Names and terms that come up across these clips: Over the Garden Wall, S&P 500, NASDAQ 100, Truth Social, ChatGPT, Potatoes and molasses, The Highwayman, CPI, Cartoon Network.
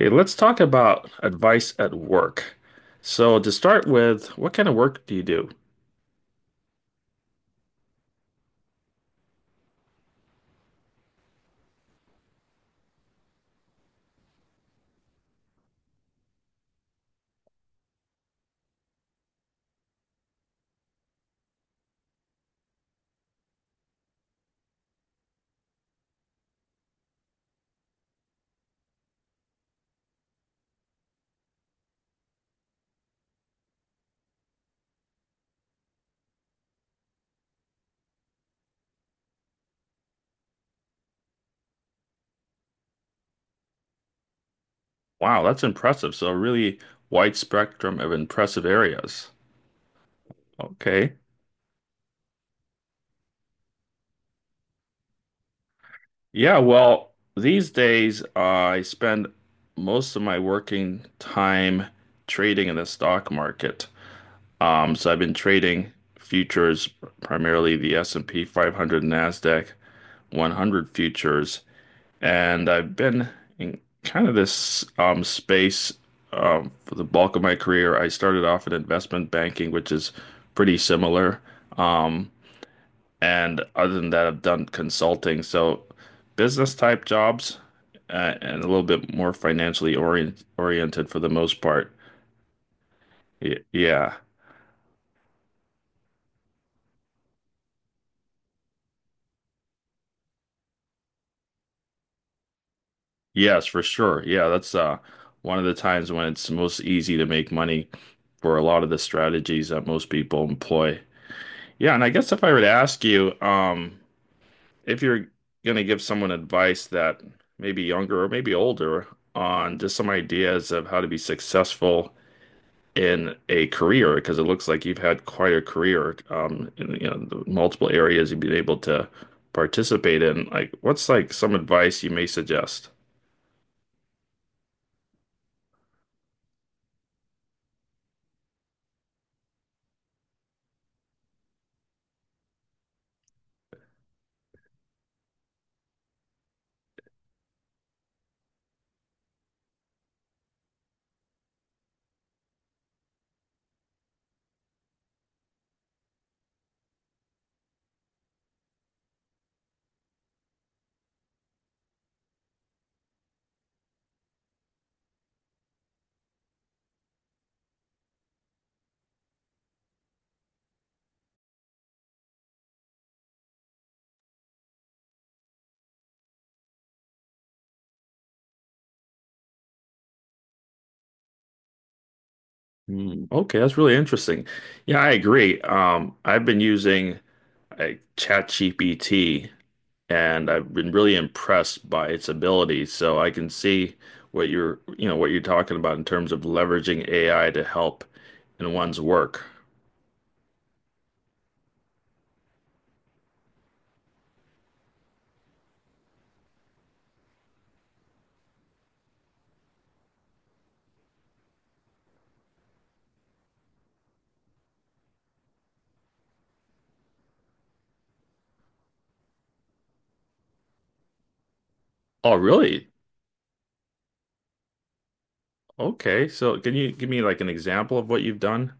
Okay, let's talk about advice at work. So, to start with, what kind of work do you do? Wow, that's impressive. So, really wide spectrum of impressive areas. Okay. Yeah, well, these days, I spend most of my working time trading in the stock market. So I've been trading futures, primarily the S&P 500 NASDAQ 100 futures. And I've been in kind of this space for the bulk of my career. I started off in investment banking, which is pretty similar. Um, and other than that, I've done consulting, so business type jobs and a little bit more financially oriented for the most part. Yeah, yes, for sure. Yeah, that's one of the times when it's most easy to make money for a lot of the strategies that most people employ. Yeah, and I guess if I were to ask you, if you're going to give someone advice that maybe younger or maybe older on just some ideas of how to be successful in a career, because it looks like you've had quite a career, in the multiple areas you've been able to participate in. Like, what's like some advice you may suggest? Hmm, okay, that's really interesting. Yeah, I agree. I've been using like ChatGPT and I've been really impressed by its ability. So I can see what you're talking about in terms of leveraging AI to help in one's work. Oh, really? Okay. So can you give me like an example of what you've done?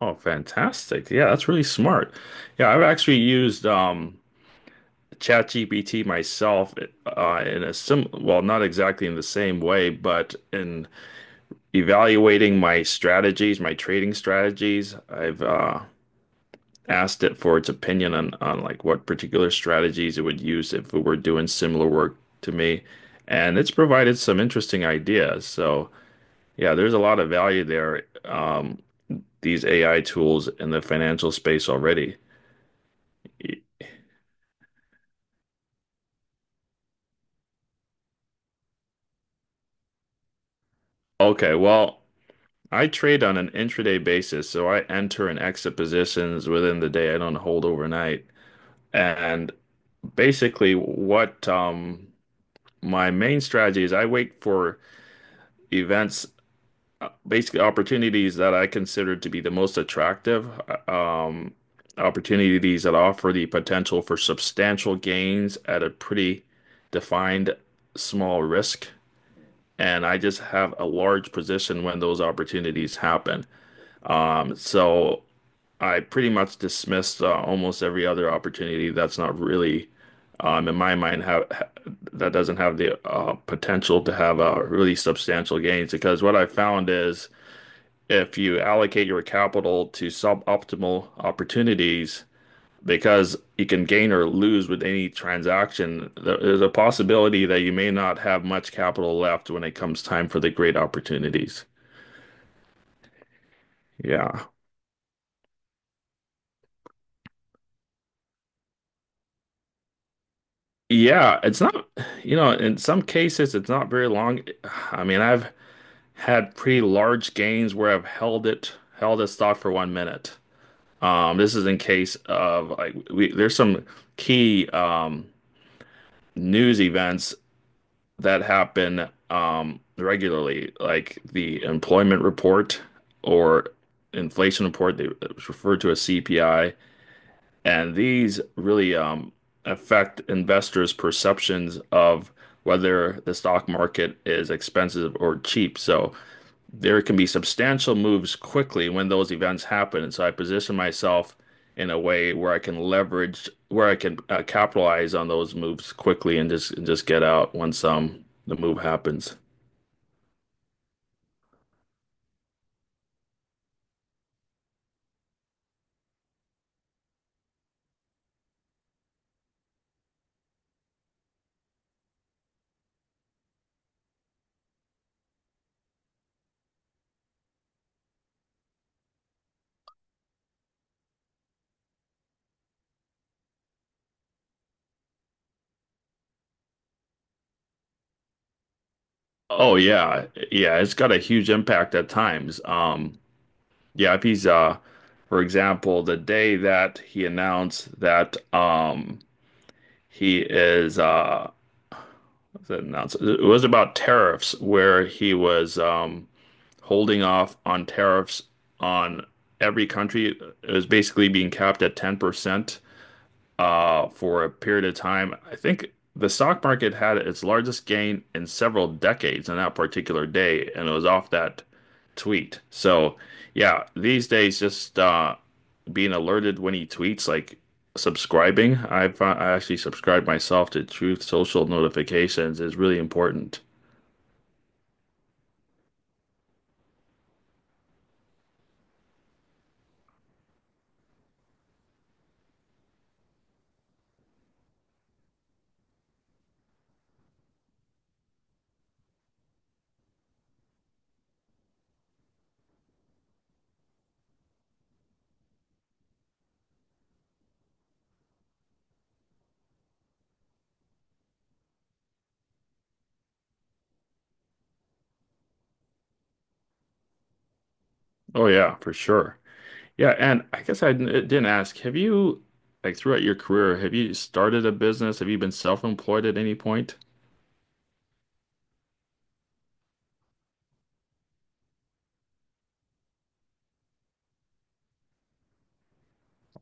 Oh, fantastic. Yeah, that's really smart. Yeah, I've actually used ChatGPT myself in a sim well, not exactly in the same way, but in evaluating my strategies, my trading strategies. I've asked it for its opinion on like what particular strategies it would use if it were doing similar work to me, and it's provided some interesting ideas. So yeah, there's a lot of value there. These AI tools in the financial space already. Okay, well, I trade on an intraday basis, so I enter and exit positions within the day. I don't hold overnight. And basically, what my main strategy is, I wait for events basically opportunities that I consider to be the most attractive, uh, um, opportunities that offer the potential for substantial gains at a pretty defined small risk. And I just have a large position when those opportunities happen. So I pretty much dismissed almost every other opportunity that's not really, in my mind, have ha that doesn't have the potential to have really substantial gains. Because what I found is if you allocate your capital to suboptimal opportunities because you can gain or lose with any transaction, there's a possibility that you may not have much capital left when it comes time for the great opportunities. Yeah. Yeah, it's not, you know, in some cases, it's not very long. I mean, I've had pretty large gains where I've held a stock for 1 minute. This is in case of like there's some key news events that happen regularly, like the employment report or inflation report, it was referred to as CPI, and these really affect investors' perceptions of whether the stock market is expensive or cheap. So there can be substantial moves quickly when those events happen. And so I position myself in a way where I can leverage, where I can capitalize on those moves quickly and just get out once the move happens. Oh yeah, yeah, it's got a huge impact at times. Yeah, if he's for example, the day that he announced that he is announced it was about tariffs where he was holding off on tariffs on every country. It was basically being capped at 10% for a period of time. I think the stock market had its largest gain in several decades on that particular day, and it was off that tweet. So, yeah, these days, just being alerted when he tweets, like subscribing. I actually subscribed myself to Truth Social notifications is really important. Oh yeah, for sure. Yeah, and I guess I didn't ask, like throughout your career, have you started a business? Have you been self-employed at any point?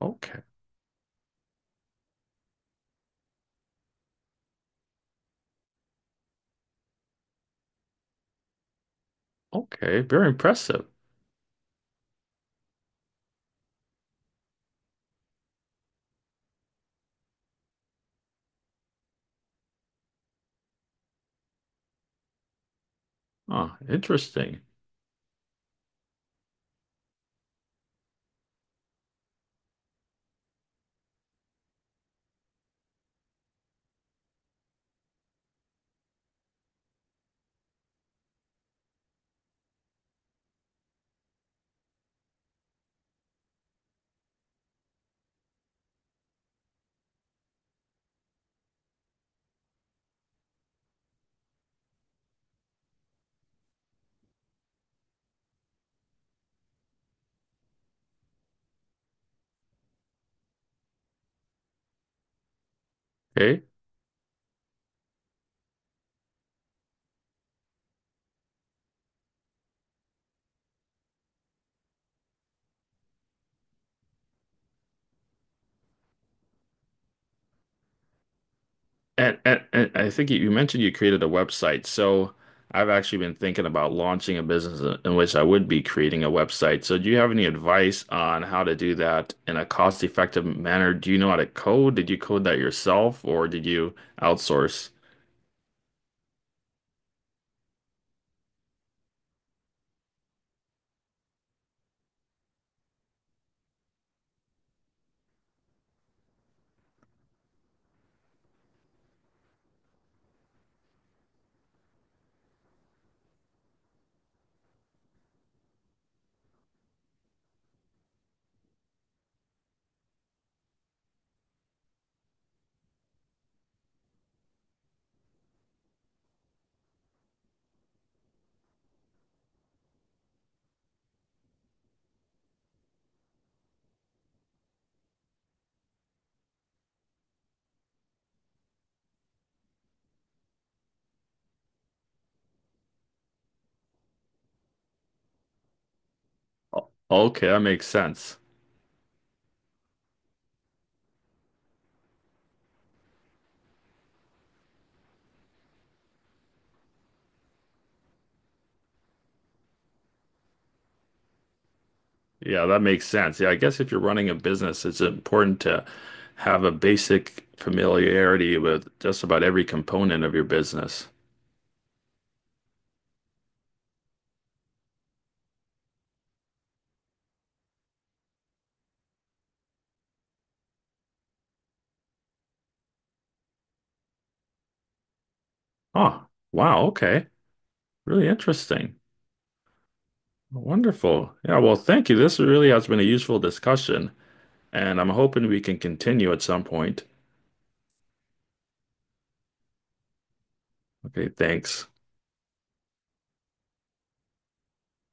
Okay. Okay. Very impressive. Huh. Interesting. Okay. And I think you mentioned you created a website. So I've actually been thinking about launching a business in which I would be creating a website. So do you have any advice on how to do that in a cost-effective manner? Do you know how to code? Did you code that yourself or did you outsource? Okay, that makes sense. Yeah, that makes sense. Yeah, I guess if you're running a business, it's important to have a basic familiarity with just about every component of your business. Oh, wow. Okay. Really interesting. Wonderful. Yeah, well, thank you. This really has been a useful discussion, and I'm hoping we can continue at some point. Okay, thanks.